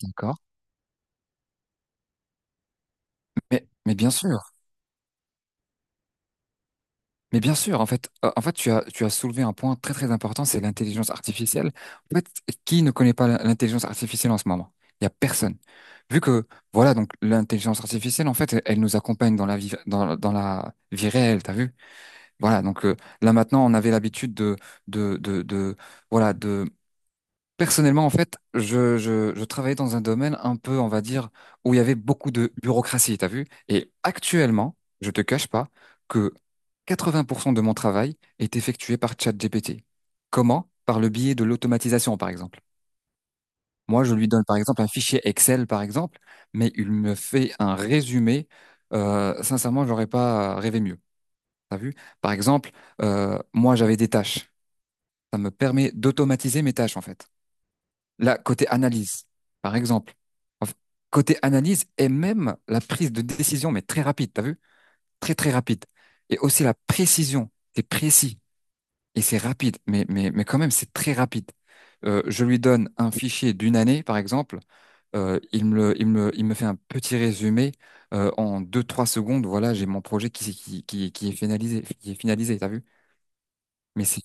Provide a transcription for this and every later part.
D'accord. Mais bien sûr, en fait, tu as soulevé un point très très important, c'est l'intelligence artificielle. En fait, qui ne connaît pas l'intelligence artificielle en ce moment? Il y a personne. Vu que, voilà, donc l'intelligence artificielle, en fait, elle nous accompagne dans la vie, dans la vie réelle, t'as vu? Voilà, donc là maintenant, on avait l'habitude de, voilà, de. Personnellement, en fait, je travaillais dans un domaine un peu, on va dire, où il y avait beaucoup de bureaucratie, t'as vu? Et actuellement, je te cache pas que 80% de mon travail est effectué par ChatGPT. Comment? Par le biais de l'automatisation, par exemple. Moi, je lui donne, par exemple, un fichier Excel, par exemple, mais il me fait un résumé. Sincèrement, j'aurais pas rêvé mieux. T'as vu? Par exemple, moi, j'avais des tâches. Ça me permet d'automatiser mes tâches, en fait. Là, côté analyse, par exemple. Enf- Côté analyse et même la prise de décision, mais très rapide, t'as vu? Très, très rapide. Et aussi la précision. C'est précis et c'est rapide, mais quand même, c'est très rapide. Je lui donne un fichier d'une année, par exemple. Il me, le- il me fait un petit résumé en deux trois secondes. Voilà, j'ai mon projet qui est finalisé, t'as vu? mais c'est-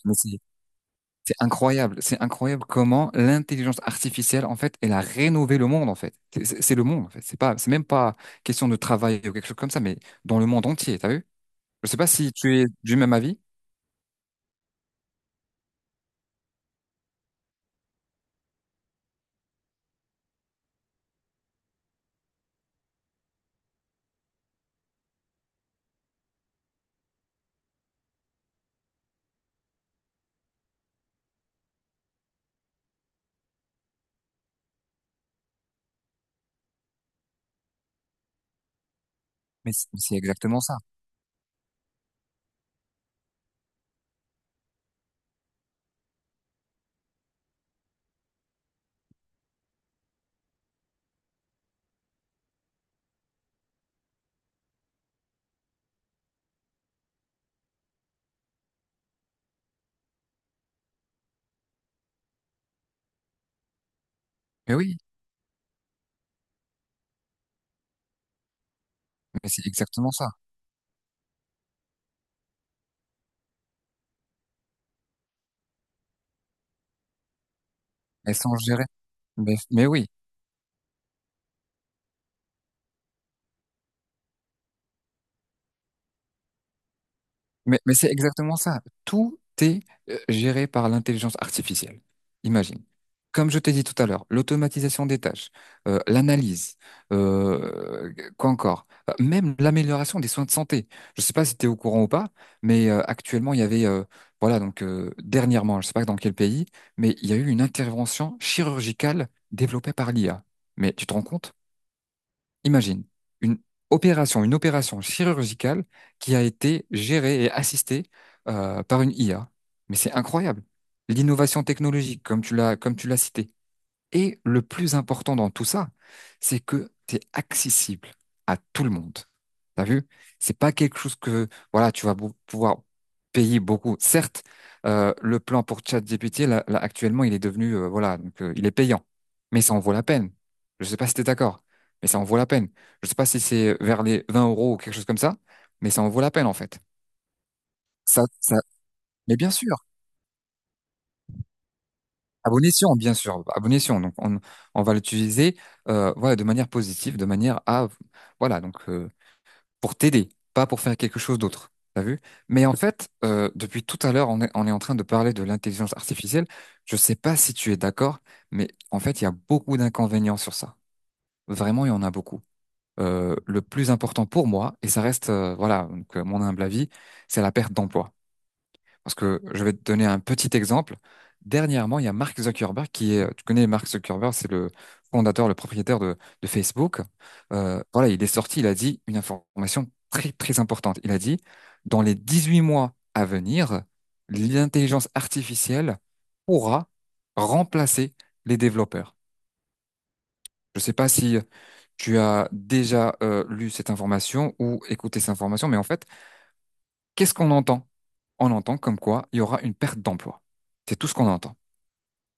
c'est incroyable, c'est incroyable comment l'intelligence artificielle, en fait, elle a rénové le monde, en fait. C'est le monde, en fait. C'est pas, c'est même pas question de travail ou quelque chose comme ça, mais dans le monde entier, t'as vu? Je sais pas si tu es du même avis, mais c'est exactement ça. Mais oui, mais c'est exactement ça. Elles sont gérées. Mais oui. Mais c'est exactement ça. Tout est géré par l'intelligence artificielle. Imagine. Comme je t'ai dit tout à l'heure, l'automatisation des tâches, l'analyse, quoi encore, même l'amélioration des soins de santé. Je ne sais pas si tu es au courant ou pas, mais actuellement, il y avait, voilà, donc dernièrement, je ne sais pas dans quel pays, mais il y a eu une intervention chirurgicale développée par l'IA. Mais tu te rends compte? Imagine une une opération chirurgicale qui a été gérée et assistée par une IA. Mais c'est incroyable. L'innovation technologique, comme tu l'as cité, et le plus important dans tout ça, c'est que c'est accessible à tout le monde. T'as vu? C'est pas quelque chose que, voilà, tu vas pouvoir payer beaucoup. Certes, le plan pour ChatGPT, là, actuellement, il est devenu, voilà, donc, il est payant. Mais ça en vaut la peine. Je sais pas si t'es d'accord, mais ça en vaut la peine. Je sais pas si c'est vers les 20 euros ou quelque chose comme ça, mais ça en vaut la peine, en fait. Ça, mais bien sûr. À bon, bien sûr, à bon. Donc, on va l'utiliser voilà, de manière positive, de manière à, voilà, donc pour t'aider, pas pour faire quelque chose d'autre. T'as vu? Mais en fait, depuis tout à l'heure, on est en train de parler de l'intelligence artificielle. Je sais pas si tu es d'accord, mais en fait, il y a beaucoup d'inconvénients sur ça. Vraiment, il y en a beaucoup. Le plus important pour moi, et ça reste, voilà, donc, mon humble avis, c'est la perte d'emploi. Parce que je vais te donner un petit exemple. Dernièrement, il y a Mark Zuckerberg qui est, tu connais Mark Zuckerberg, c'est le fondateur, le propriétaire de Facebook. Voilà, il est sorti, il a dit une information très, très importante. Il a dit, dans les 18 mois à venir, l'intelligence artificielle pourra remplacer les développeurs. Je ne sais pas si tu as déjà lu cette information ou écouté cette information, mais en fait, qu'est-ce qu'on entend? On entend comme quoi il y aura une perte d'emploi. C'est tout ce qu'on entend.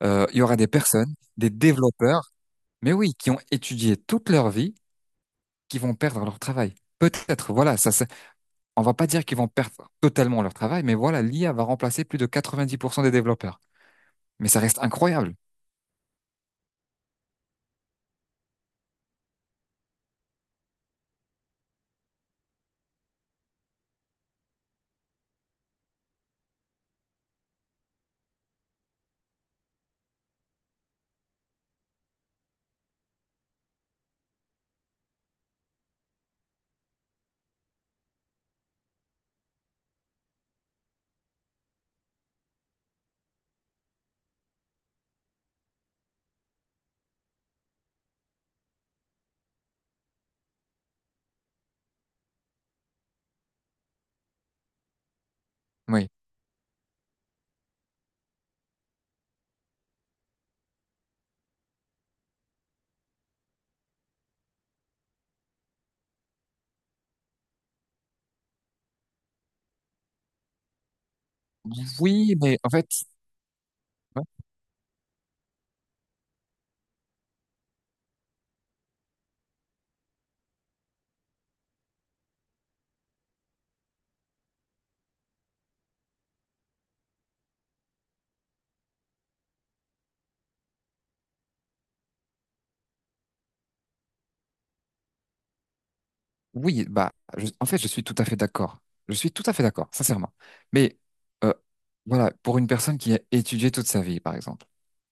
Il y aura des personnes, des développeurs, mais oui, qui ont étudié toute leur vie, qui vont perdre leur travail. Peut-être, voilà, ça, on va pas dire qu'ils vont perdre totalement leur travail, mais voilà, l'IA va remplacer plus de 90% des développeurs. Mais ça reste incroyable. Oui. Oui, mais en fait, ouais. Oui, bah, en fait, je suis tout à fait d'accord. Je suis tout à fait d'accord, sincèrement. Mais euh, voilà, pour une personne qui a étudié toute sa vie, par exemple.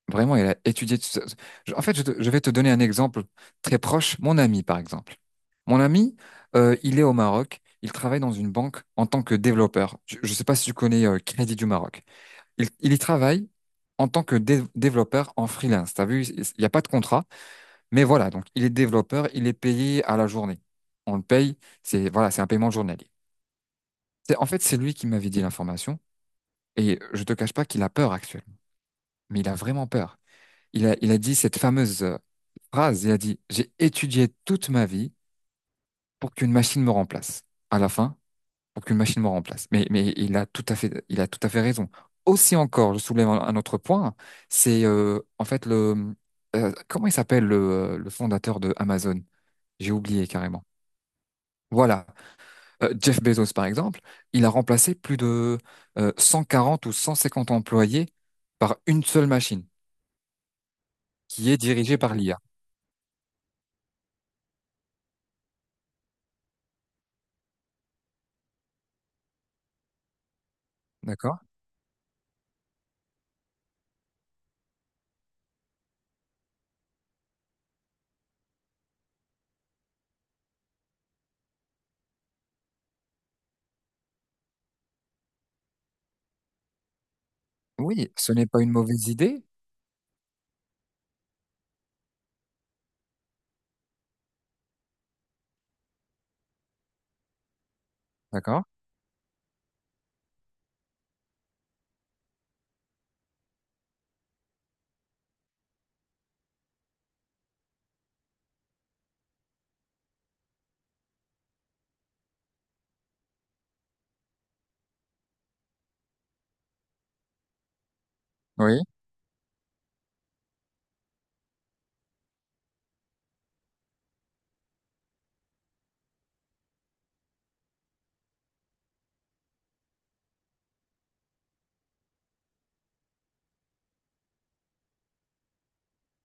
Vraiment, il a étudié tout ça. En fait, je vais te donner un exemple très proche. Mon ami, par exemple. Mon ami, il est au Maroc. Il travaille dans une banque en tant que développeur. Je ne sais pas si tu connais Crédit du Maroc. Il y travaille en tant que développeur en freelance. T'as vu, il n'y a pas de contrat, mais voilà. Donc, il est développeur. Il est payé à la journée. On le paye. C'est voilà, c'est un paiement journalier. C'est en fait, c'est lui qui m'avait dit l'information. Et je te cache pas qu'il a peur actuellement. Mais il a vraiment peur. Il a dit cette fameuse phrase, il a dit, j'ai étudié toute ma vie pour qu'une machine me remplace. À la fin, pour qu'une machine me remplace. Mais il a tout à fait, il a tout à fait raison. Aussi encore, je soulève un autre point, c'est en fait le, comment il s'appelle le, le, fondateur de Amazon? J'ai oublié carrément. Voilà. Jeff Bezos par exemple, il a remplacé plus de 140 ou 150 employés par une seule machine qui est dirigée par l'IA. Oui, ce n'est pas une mauvaise idée, d'accord? Oui.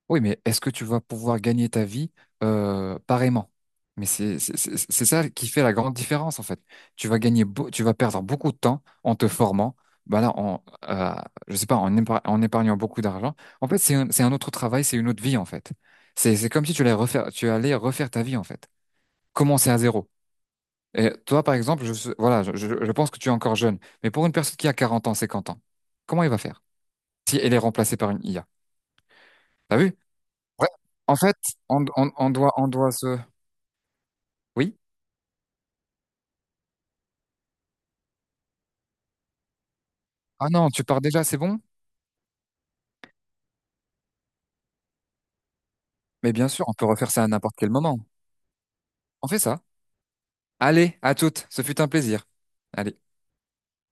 Oui, mais est-ce que tu vas pouvoir gagner ta vie pareillement? Mais c'est ça qui fait la grande différence en fait. Tu vas perdre beaucoup de temps en te formant. Bah là, en, euh, je sais pas, en épargnant beaucoup d'argent. En fait, c'est un autre travail, c'est une autre vie en fait. C'est comme si tu allais refaire ta vie en fait. Commencer à zéro. Et toi, par exemple, voilà, je pense que tu es encore jeune, mais pour une personne qui a 40 ans, 50 ans, comment il va faire? Si elle est remplacée par une IA. T'as vu? Ouais. En fait, on doit se... Oui? Ah non, tu pars déjà, c'est bon? Mais bien sûr, on peut refaire ça à n'importe quel moment. On fait ça. Allez, à toutes, ce fut un plaisir. Allez.